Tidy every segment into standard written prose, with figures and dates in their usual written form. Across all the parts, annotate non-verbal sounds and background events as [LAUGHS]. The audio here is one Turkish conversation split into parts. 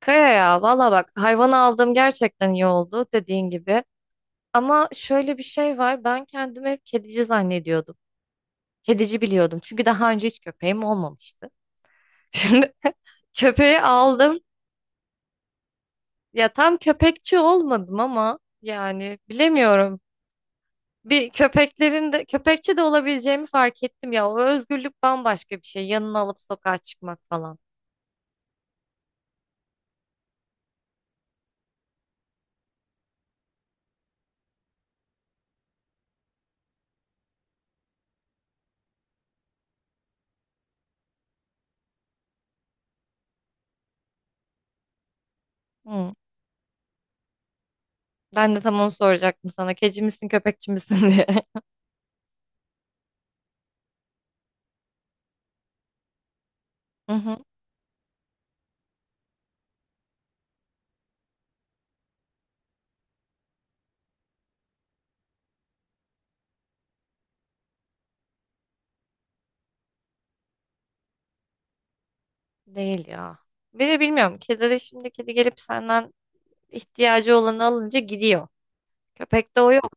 Kaya ya valla bak hayvanı aldığım gerçekten iyi oldu dediğin gibi. Ama şöyle bir şey var, ben kendimi hep kedici zannediyordum. Kedici biliyordum çünkü daha önce hiç köpeğim olmamıştı. [LAUGHS] Şimdi köpeği aldım, ya tam köpekçi olmadım ama yani bilemiyorum. Bir köpeklerin de köpekçi de olabileceğimi fark ettim, ya o özgürlük bambaşka bir şey, yanına alıp sokağa çıkmak falan. Hı. Ben de tam onu soracaktım sana, kedici misin köpekçi misin diye. [LAUGHS] Hı hı. Değil ya. Bir de bilmiyorum. Kedileri şimdi, kedi gelip senden ihtiyacı olanı alınca gidiyor. Köpekte o yok.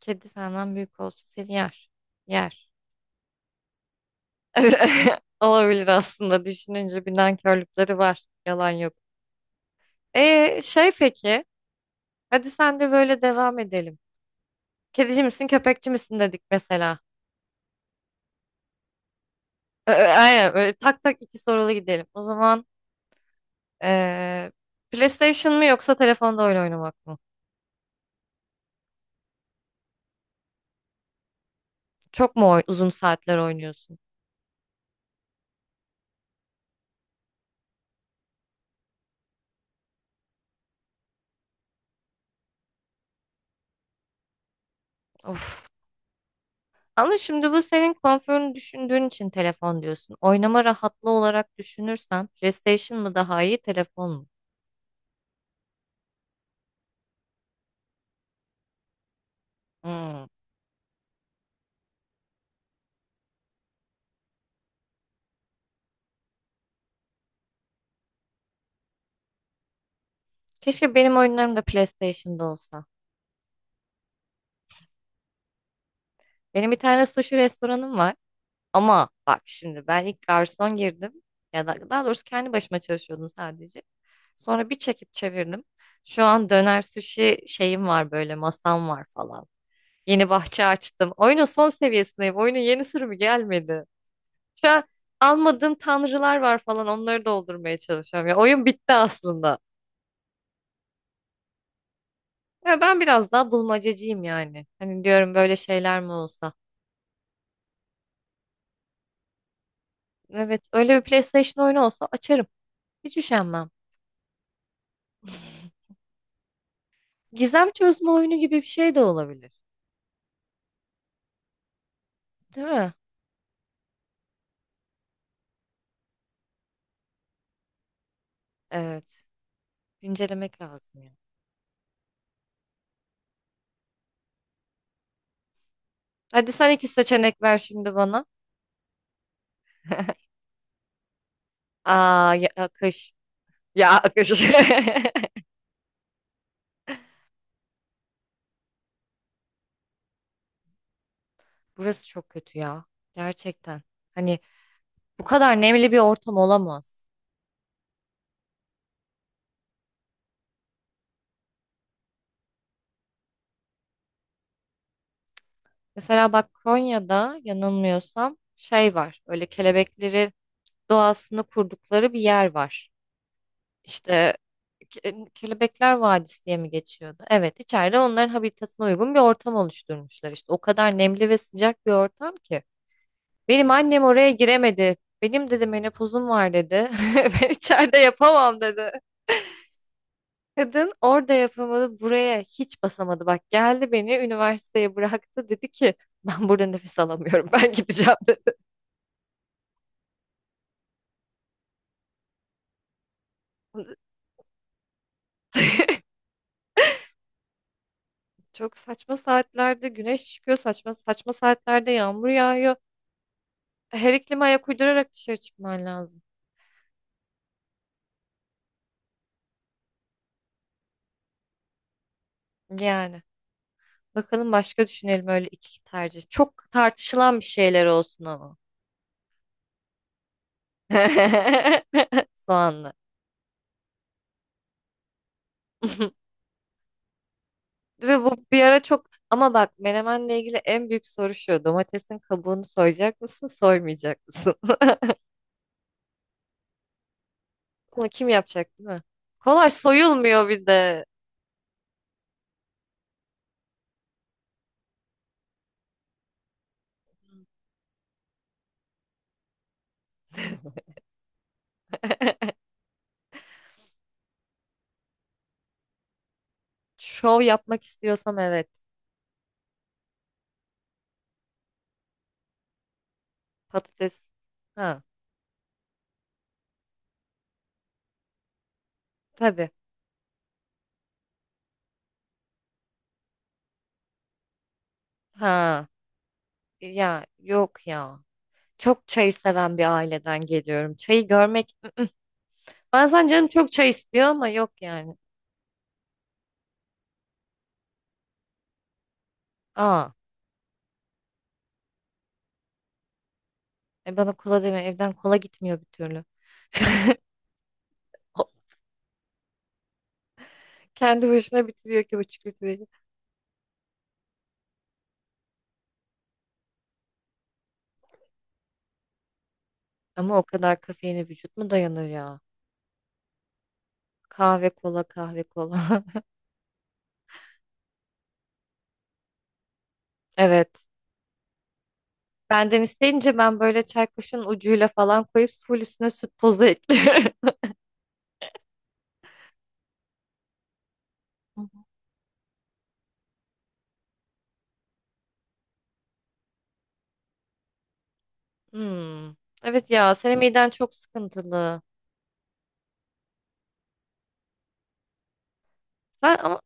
Kedi senden büyük olsa seni yer. Yer. [LAUGHS] Olabilir aslında, düşününce bir nankörlükleri var. Yalan yok. E şey peki. Hadi sen de, böyle devam edelim. Kedici misin köpekçi misin dedik mesela. Aynen, böyle tak tak iki sorulu gidelim. O zaman eee, PlayStation mı, yoksa telefonda oyun oynamak mı? Çok mu uzun saatler oynuyorsun? Of. Ama şimdi bu senin konforunu düşündüğün için telefon diyorsun. Oynama rahatlığı olarak düşünürsen PlayStation mı daha iyi, telefon mu? Hmm. Keşke benim oyunlarım da PlayStation'da olsa. Benim bir tane sushi restoranım var. Ama bak şimdi ben ilk garson girdim. Ya da daha doğrusu kendi başıma çalışıyordum sadece. Sonra bir çekip çevirdim. Şu an döner sushi şeyim var, böyle masam var falan. Yeni bahçe açtım. Oyunun son seviyesindeyim. Oyunun yeni sürümü gelmedi. Şu an almadığım tanrılar var falan, onları doldurmaya çalışıyorum. Ya oyun bitti aslında. Ya ben biraz daha bulmacacıyım yani. Hani diyorum, böyle şeyler mi olsa. Evet, öyle bir PlayStation oyunu olsa açarım. Hiç üşenmem. Gizem çözme oyunu gibi bir şey de olabilir. Değil mi? Evet. Incelemek lazım ya. Hadi sen iki seçenek ver şimdi bana. [LAUGHS] Aa ya, akış. Ya akış. [LAUGHS] Burası çok kötü ya. Gerçekten. Hani bu kadar nemli bir ortam olamaz. Mesela bak, Konya'da yanılmıyorsam şey var. Öyle kelebekleri, doğasını kurdukları bir yer var. İşte Ke- Kelebekler Vadisi diye mi geçiyordu? Evet, içeride onların habitatına uygun bir ortam oluşturmuşlar işte. O kadar nemli ve sıcak bir ortam ki. Benim annem oraya giremedi. Benim dedi menopozum var dedi. [LAUGHS] Ve içeride yapamam dedi. Kadın orada yapamadı, buraya hiç basamadı. Bak geldi beni üniversiteye bıraktı, dedi ki ben burada nefes alamıyorum, ben gideceğim [LAUGHS] dedi. [LAUGHS] Çok saçma saatlerde güneş çıkıyor, saçma saçma saatlerde yağmur yağıyor. Her iklime ayak uydurarak dışarı çıkman lazım. Yani bakalım, başka düşünelim öyle iki tercih. Çok tartışılan bir şeyler olsun ama. [LAUGHS] Soğanlı. [LAUGHS] Ve bu bir ara çok, ama bak menemenle ilgili en büyük soru şu. Domatesin kabuğunu soyacak mısın, soymayacak mısın? [LAUGHS] Bunu kim yapacak, değil mi? Kolay soyulmuyor bir de. [LAUGHS] Şov yapmak istiyorsam evet. Patates. Ha, tabii. Ha, ya yok ya. Çok çayı seven bir aileden geliyorum. Çayı görmek. Bazen canım çok çay istiyor ama yok yani. Aa, e bana kola deme. Evden kola gitmiyor bir türlü. [LAUGHS] Kendi başına bitiriyor ki buçuk litreyi. Ama o kadar kafeine vücut mu dayanır ya? Kahve kola, kahve kola. [LAUGHS] Evet. Benden isteyince ben böyle çay kaşığının ucuyla falan koyup full üstüne süt tozu ekliyorum. [LAUGHS] Hmm. Evet ya, senin miden çok sıkıntılı. Sen ama,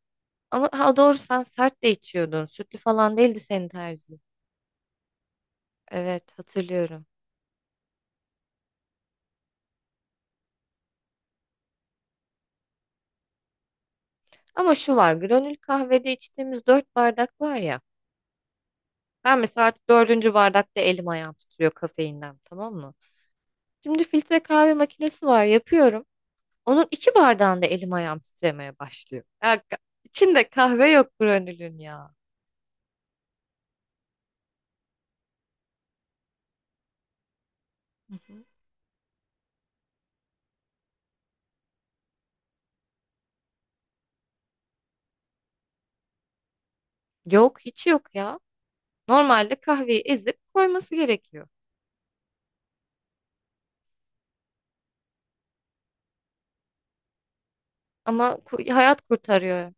ama ha doğru, sen sert de içiyordun. Sütlü falan değildi senin tercihin. Evet hatırlıyorum. Ama şu var, granül kahvede içtiğimiz dört bardak var ya. Ben mesela artık dördüncü bardakta elim ayağım titriyor kafeinden, tamam mı? Şimdi filtre kahve makinesi var, yapıyorum. Onun iki bardağında elim ayağım titremeye başlıyor. Ya, içinde kahve yok granülün ya. Hı hı. Yok hiç yok ya. Normalde kahveyi ezip koyması gerekiyor. Ama hayat kurtarıyor.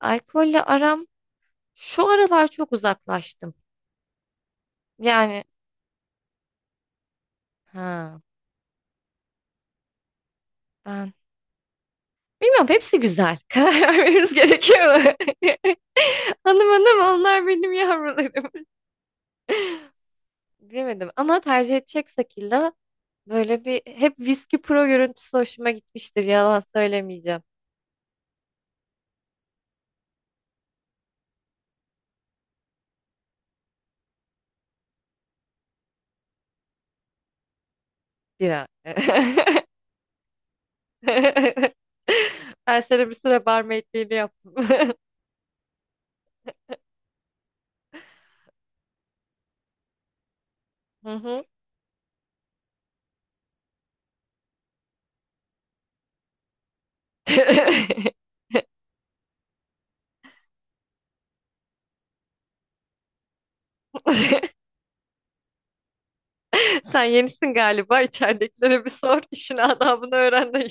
Alkolle aram, şu aralar çok uzaklaştım. Yani ha, ben bilmiyorum, hepsi güzel. [LAUGHS] Karar vermemiz gerekiyor mu? [LAUGHS] Hanım hanım onlar, benim yavrularım. [LAUGHS] Bilemedim, ama tercih edeceksek illa böyle, bir hep viski pro görüntüsü hoşuma gitmiştir. Yalan söylemeyeceğim. Bira. [LAUGHS] Ben sana bir süre barmaidliğini yaptım. [LAUGHS] Hı hı. [LAUGHS] Sen yenisin galiba. İçeridekilere bir sor. İşin adabını öğren de.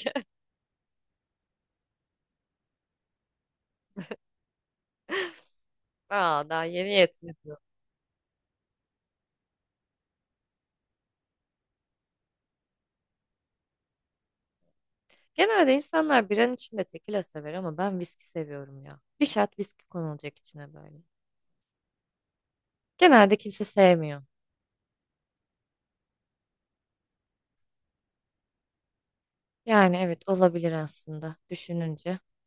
Aa, daha yeni yetmiyor. Genelde insanlar biranın içinde tekila sever, ama ben viski seviyorum ya. Bir şat viski konulacak içine, böyle. Genelde kimse sevmiyor. Yani evet, olabilir aslında düşününce.